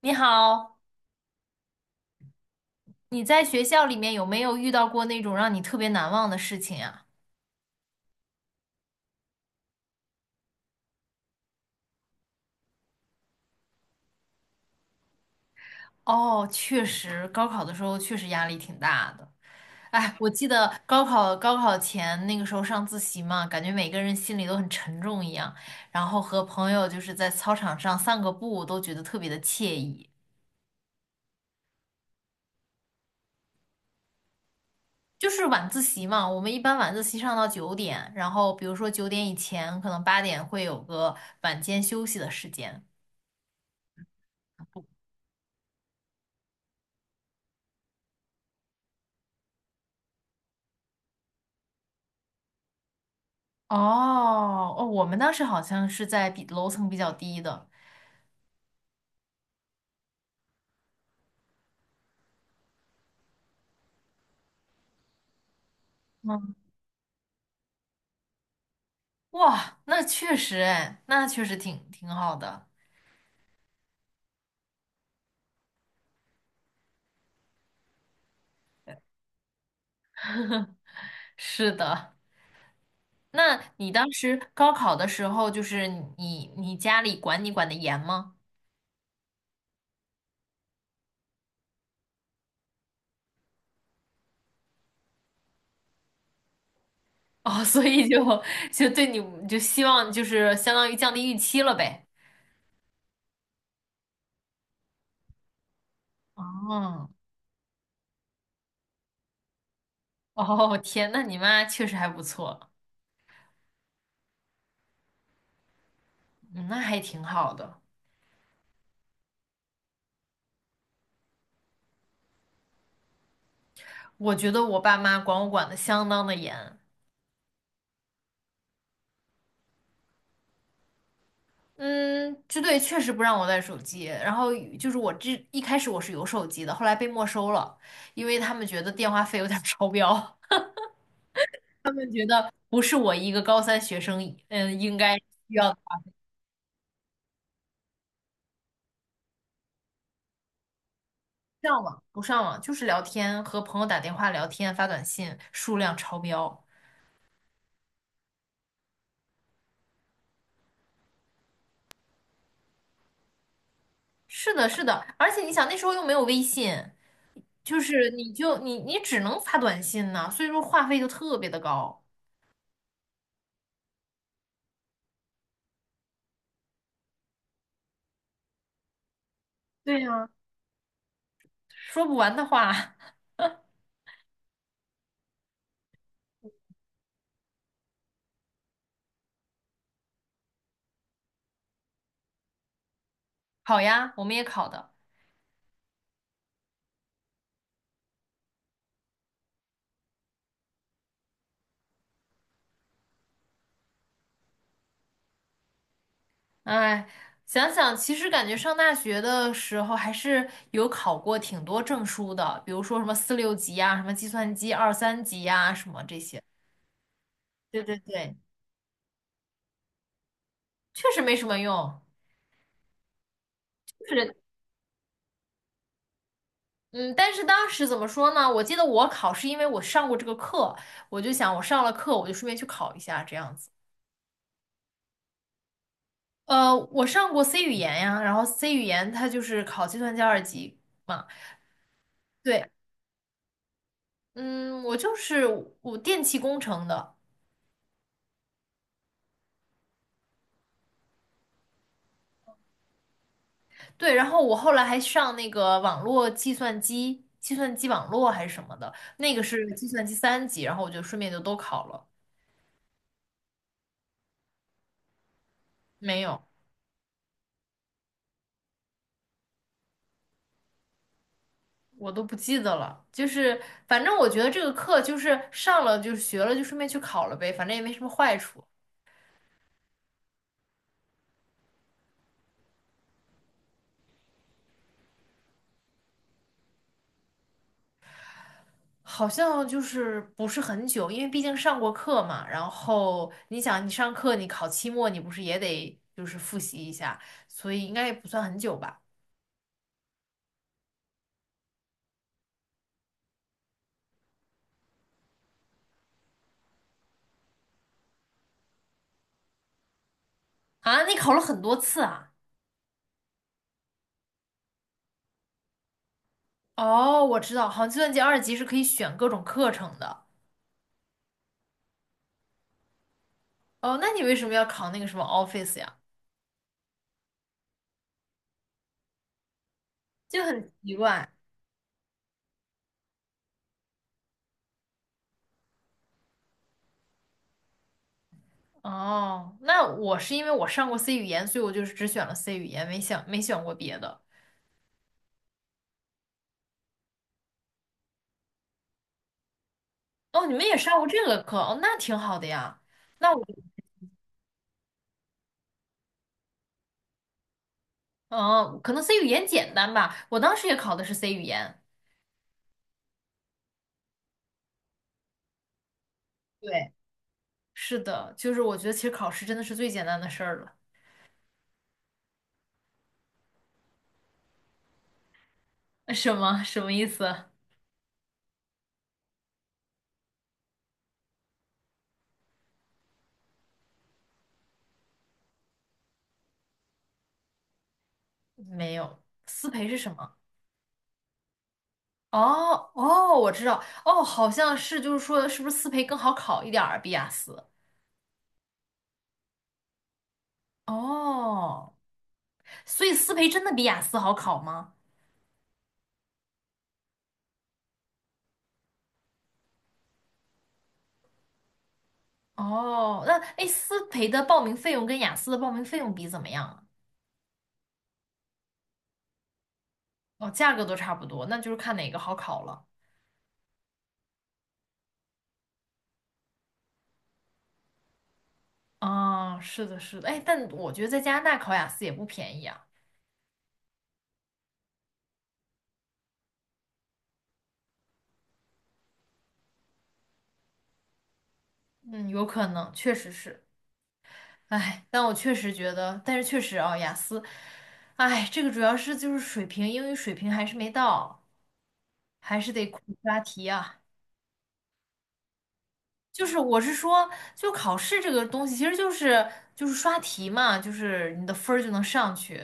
你好，你在学校里面有没有遇到过那种让你特别难忘的事情呀？哦，确实，高考的时候确实压力挺大的。哎，我记得高考前那个时候上自习嘛，感觉每个人心里都很沉重一样，然后和朋友就是在操场上散个步，都觉得特别的惬意。就是晚自习嘛，我们一般晚自习上到九点，然后比如说九点以前，可能8点会有个晚间休息的时间。哦哦，我们当时好像是在比楼层比较低的。嗯，哇，那确实哎，那确实挺好的。是的，那你当时高考的时候，就是你家里管你管得严吗？哦，所以就对你就希望就是相当于降低预期了呗。哦哦，天，那你妈确实还不错，嗯那还挺好的。我觉得我爸妈管我管的相当的严。嗯，支队确实不让我带手机，然后就是我这一开始我是有手机的，后来被没收了，因为他们觉得电话费有点儿超标，不是我一个高三学生，嗯，应该需要的上网不上网就是聊天，和朋友打电话聊天发短信数量超标。是的，是的，而且你想那时候又没有微信，就是你就你只能发短信呢，所以说话费就特别的高，对呀。说不完的话。考呀，我们也考的。哎，想想，其实感觉上大学的时候还是有考过挺多证书的，比如说什么四六级呀、什么计算机二三级呀、什么这些。对对对，确实没什么用。就是嗯，但是当时怎么说呢？我记得我考是因为我上过这个课，我就想我上了课，我就顺便去考一下这样子。呃，我上过 C 语言呀，然后 C 语言它就是考计算机二级嘛。对，嗯，我就是我电气工程的。对，然后我后来还上那个网络计算机，计算机网络还是什么的，那个是计算机三级，然后我就顺便就都考了，没有，我都不记得了，就是反正我觉得这个课就是上了就是学了就顺便去考了呗，反正也没什么坏处，好像就是不是很久，因为毕竟上过课嘛，然后你想你上课你考期末你不是也得就是复习一下，所以应该也不算很久吧？啊，你考了很多次啊？哦，我知道，好像计算机二级是可以选各种课程的。哦，那你为什么要考那个什么 Office 呀？就很奇怪。哦，那我是因为我上过 C 语言，所以我就是只选了 C 语言，没选过别的。哦，你们也上过这个课，哦，那挺好的呀。那我，嗯，可能 C 语言简单吧，我当时也考的是 C 语言。对，是的，就是我觉得其实考试真的是最简单的事儿了。什么什么意思？没有，思培是什么？哦哦，我知道，哦，好像是，就是说，是不是思培更好考一点儿？比雅思？哦，所以思培真的比雅思好考吗？哦，那哎，思培的报名费用跟雅思的报名费用比怎么样啊哦，价格都差不多，那就是看哪个好考了。啊、是的，是的，哎，但我觉得在加拿大考雅思也不便宜啊。嗯，有可能，确实是。哎，但我确实觉得，但是确实啊，雅思，哎，这个主要是就是水平，英语水平还是没到。还是得苦刷题啊。就是我是说，就考试这个东西，其实就是就是刷题嘛，就是你的分儿就能上去。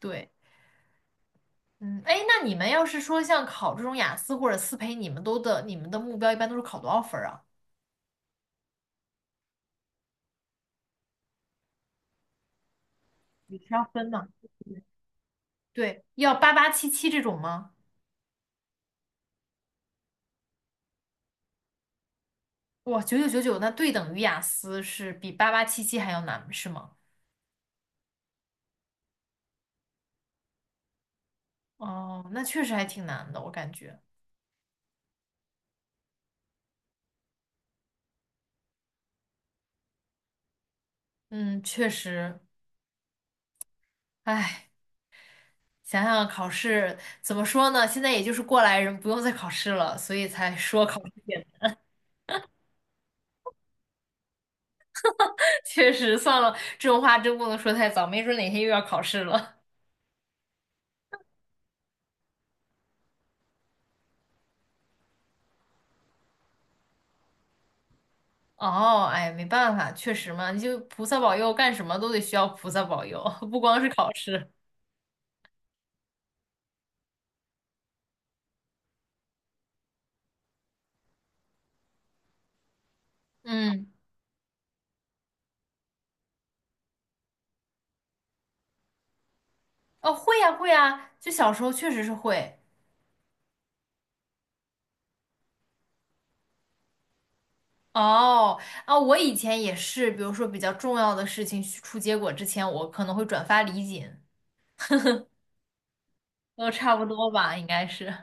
对，嗯，哎，那你们要是说像考这种雅思或者思培，你们的目标一般都是考多少分儿啊？你是要分吗？对，要八八七七这种吗？哇，9999，那对等于雅思是比八八七七还要难，是吗？哦，那确实还挺难的，我感觉。嗯，确实，唉。想想考试怎么说呢？现在也就是过来人，不用再考试了，所以才说考试简单。 确实，算了，这种话真不能说太早，没准哪天又要考试了。哦，哎，没办法，确实嘛，你就菩萨保佑，干什么都得需要菩萨保佑，不光是考试。嗯，哦，会呀，会呀，就小时候确实是会。哦，啊，我以前也是，比如说比较重要的事情出结果之前，我可能会转发礼锦，都差不多吧，应该是。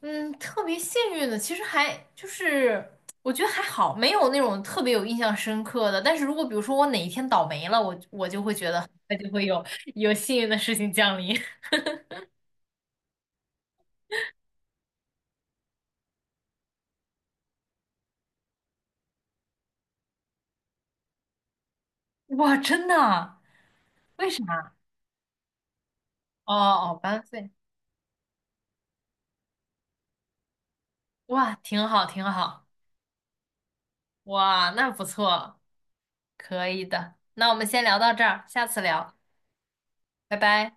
嗯，特别幸运的，其实还就是我觉得还好，没有那种特别有印象深刻的。但是如果比如说我哪一天倒霉了，我就会觉得很快就会有幸运的事情降临。哇，真的啊？为啥？哦哦，班费，哇，挺好挺好，哇，那不错，可以的。那我们先聊到这儿，下次聊，拜拜。